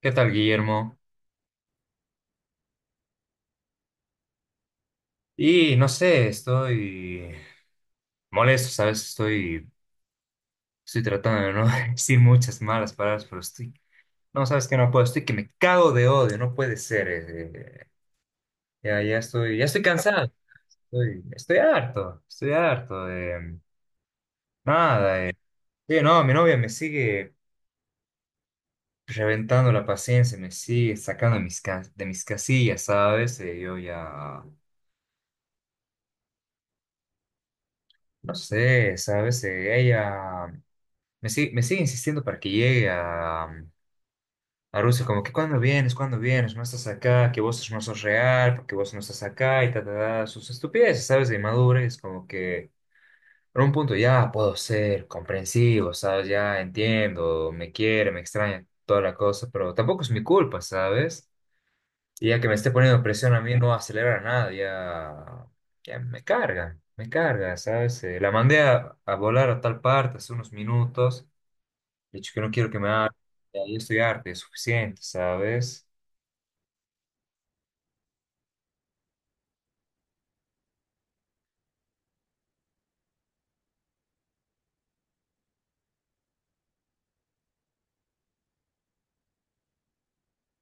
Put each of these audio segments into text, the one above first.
¿Qué tal, Guillermo? Y no sé, estoy molesto, ¿sabes? Estoy tratando de no decir muchas malas palabras, pero estoy, no, ¿sabes que no puedo? Estoy que me cago de odio, no puede ser. Ya, ya estoy cansado, estoy harto de nada. Sí, no, mi novia me sigue reventando la paciencia, me sigue sacando de de mis casillas, ¿sabes? Yo ya, no sé, ¿sabes? Ella... me sigue insistiendo para que llegue a, a Rusia, como que cuando vienes, no estás acá, que vos no sos real, porque vos no estás acá y ta, ta, ta, sus estupideces, ¿sabes? De inmadurez, como que en un punto ya puedo ser comprensivo, ¿sabes? Ya entiendo, me quiere, me extraña, toda la cosa, pero tampoco es mi culpa, ¿sabes? Y ya que me esté poniendo presión a mí no acelera nada, ya, me carga, ¿sabes? La mandé a volar a tal parte hace unos minutos. De hecho, que no quiero que me haga ahí estudiarte, es suficiente, ¿sabes?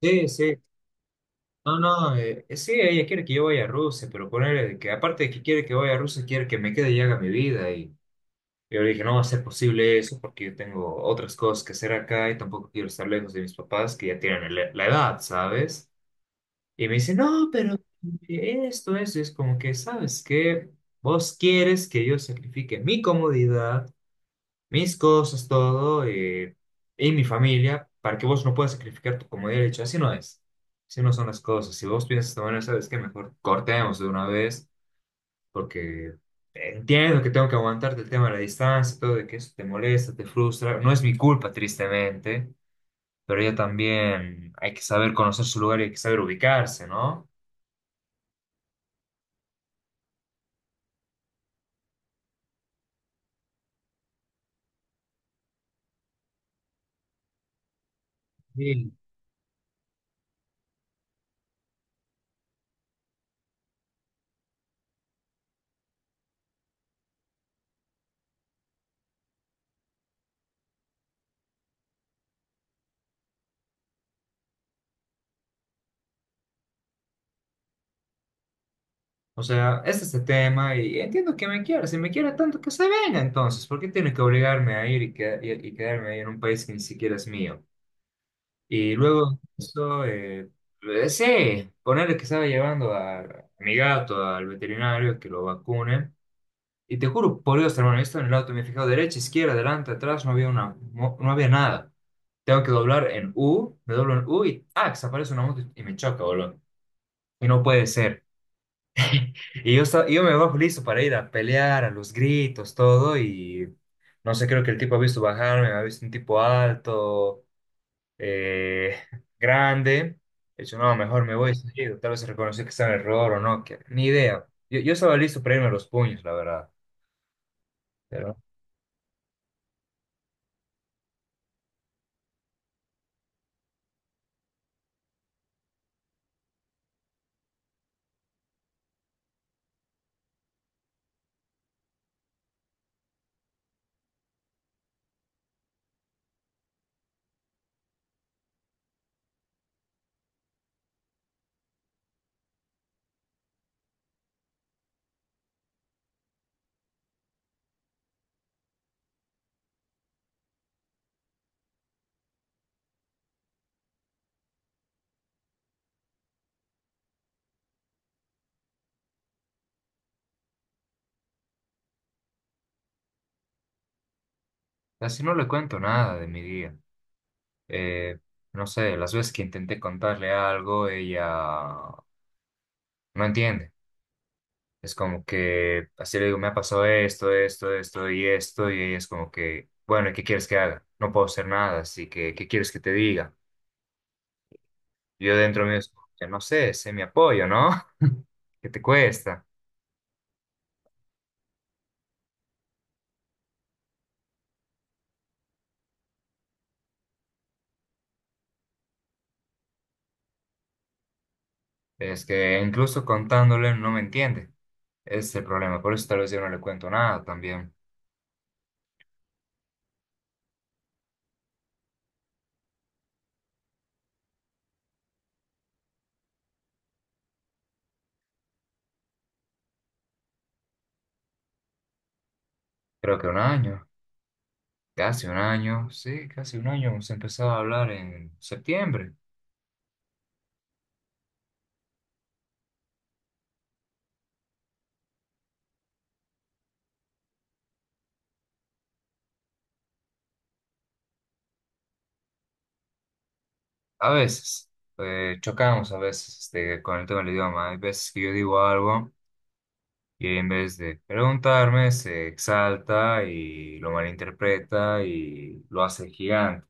Sí, sí. No, no, sí, ella quiere que yo vaya a Rusia, pero ponerle que aparte de que quiere que vaya a Rusia, quiere que me quede y haga mi vida. Y yo le dije, no va a ser posible eso porque yo tengo otras cosas que hacer acá y tampoco quiero estar lejos de mis papás que ya tienen la edad, ¿sabes? Y me dice, no, pero esto, eso, y es como que, ¿sabes qué? Vos quieres que yo sacrifique mi comodidad, mis cosas, todo, y mi familia, para que vos no puedas sacrificar tu comodidad. He dicho, así no es, así no son las cosas. Si vos piensas de esta manera, sabes que mejor cortemos de una vez, porque entiendo que tengo que aguantarte el tema de la distancia, todo, de que eso te molesta, te frustra. No es mi culpa, tristemente, pero ya también hay que saber conocer su lugar y hay que saber ubicarse, ¿no? Sí. O sea, este es el tema y entiendo que me quiera. Si me quiere tanto, que se venga entonces. ¿Por qué tiene que obligarme a ir y, y quedarme ahí en un país que ni siquiera es mío? Y luego, eso, sí, ponerle que estaba llevando a mi gato al veterinario que lo vacune. Y te juro, por Dios, hermano, yo estaba en el auto, me he fijado derecha, izquierda, adelante, atrás, no había una, no, no había nada. Tengo que doblar en U, me doblo en U y ¡ah! Desaparece una moto y me choca, boludo. Y no puede ser. Y yo, yo me bajo listo para ir a pelear, a los gritos, todo, y no sé, creo que el tipo ha visto bajarme, me ha visto un tipo alto, eh, grande. He dicho, no, mejor me voy, seguido. Tal vez reconoció que está en error o no, que, ni idea. Yo estaba listo para irme a los puños, la verdad, pero así no le cuento nada de mi día. Eh, no sé, las veces que intenté contarle algo, ella no entiende. Es como que, así le digo, me ha pasado esto, esto, esto y esto, y ella es como que, bueno, ¿qué quieres que haga? No puedo hacer nada, así que, ¿qué quieres que te diga? Yo dentro mío es como que, no sé, sé mi apoyo, ¿no? ¿Qué te cuesta? Es que incluso contándole no me entiende. Ese es el problema, por eso tal vez yo no le cuento nada también. Creo que un año, casi un año, sí, casi un año, hemos empezado a hablar en septiembre. A veces, chocamos a veces este, con el tema del idioma. Hay veces que yo digo algo. Y en vez de preguntarme, se exalta y lo malinterpreta y lo hace gigante.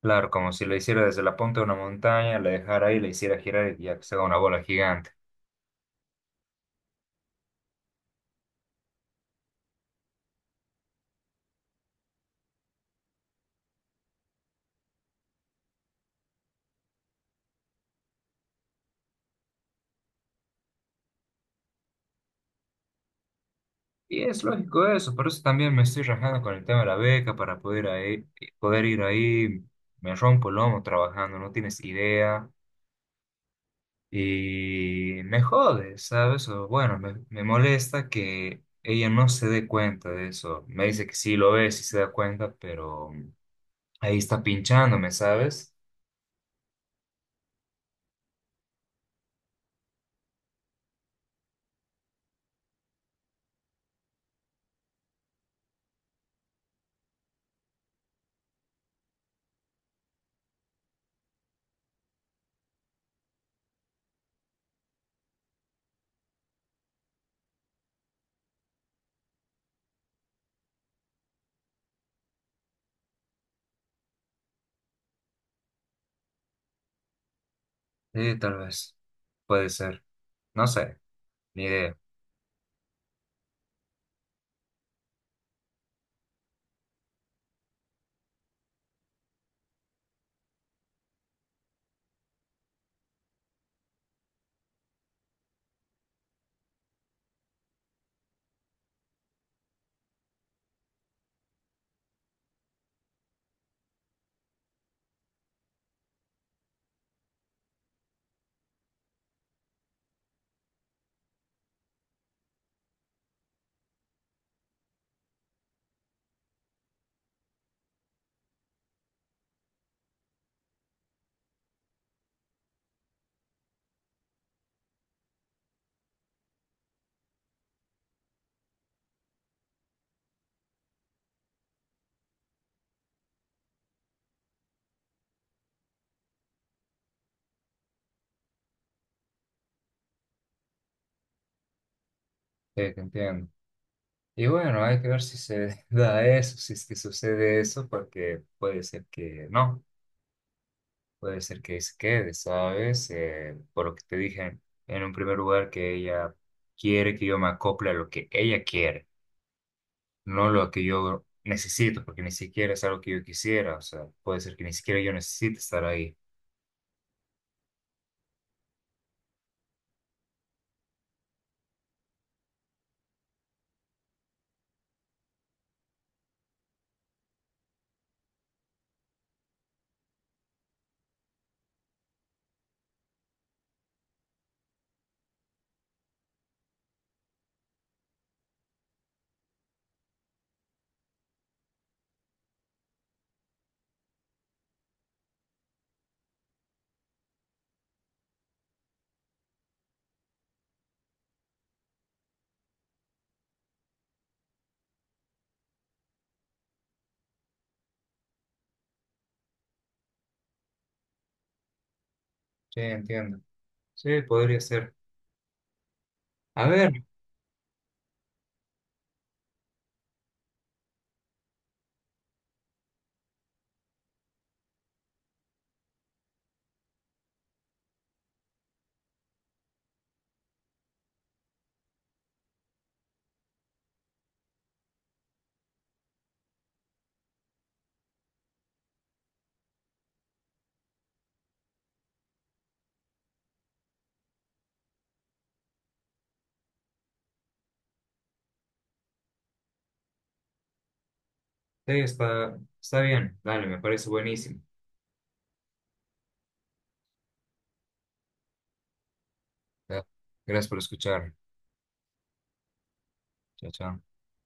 Claro, como si lo hiciera desde la punta de una montaña, le dejara ahí, le hiciera girar y ya que se haga una bola gigante. Y es lógico eso, por eso también me estoy rajando con el tema de la beca para poder, ahí, poder ir ahí. Me rompo el lomo trabajando, no tienes idea. Y me jode, ¿sabes? O bueno, me molesta que ella no se dé cuenta de eso. Me dice que sí lo ve, sí se da cuenta, pero ahí está pinchándome, ¿sabes? Sí, tal vez. Puede ser. No sé, ni idea. Sí, te entiendo. Y bueno, hay que ver si se da eso, si es que sucede eso, porque puede ser que no. Puede ser que se quede, ¿sabes? Por lo que te dije en un primer lugar, que ella quiere que yo me acople a lo que ella quiere, no lo que yo necesito, porque ni siquiera es algo que yo quisiera, o sea, puede ser que ni siquiera yo necesite estar ahí. Sí, entiendo. Sí, podría ser. A ver, sí, está, está bien, dale, me parece buenísimo. Ya, gracias por escuchar. Chao, chao.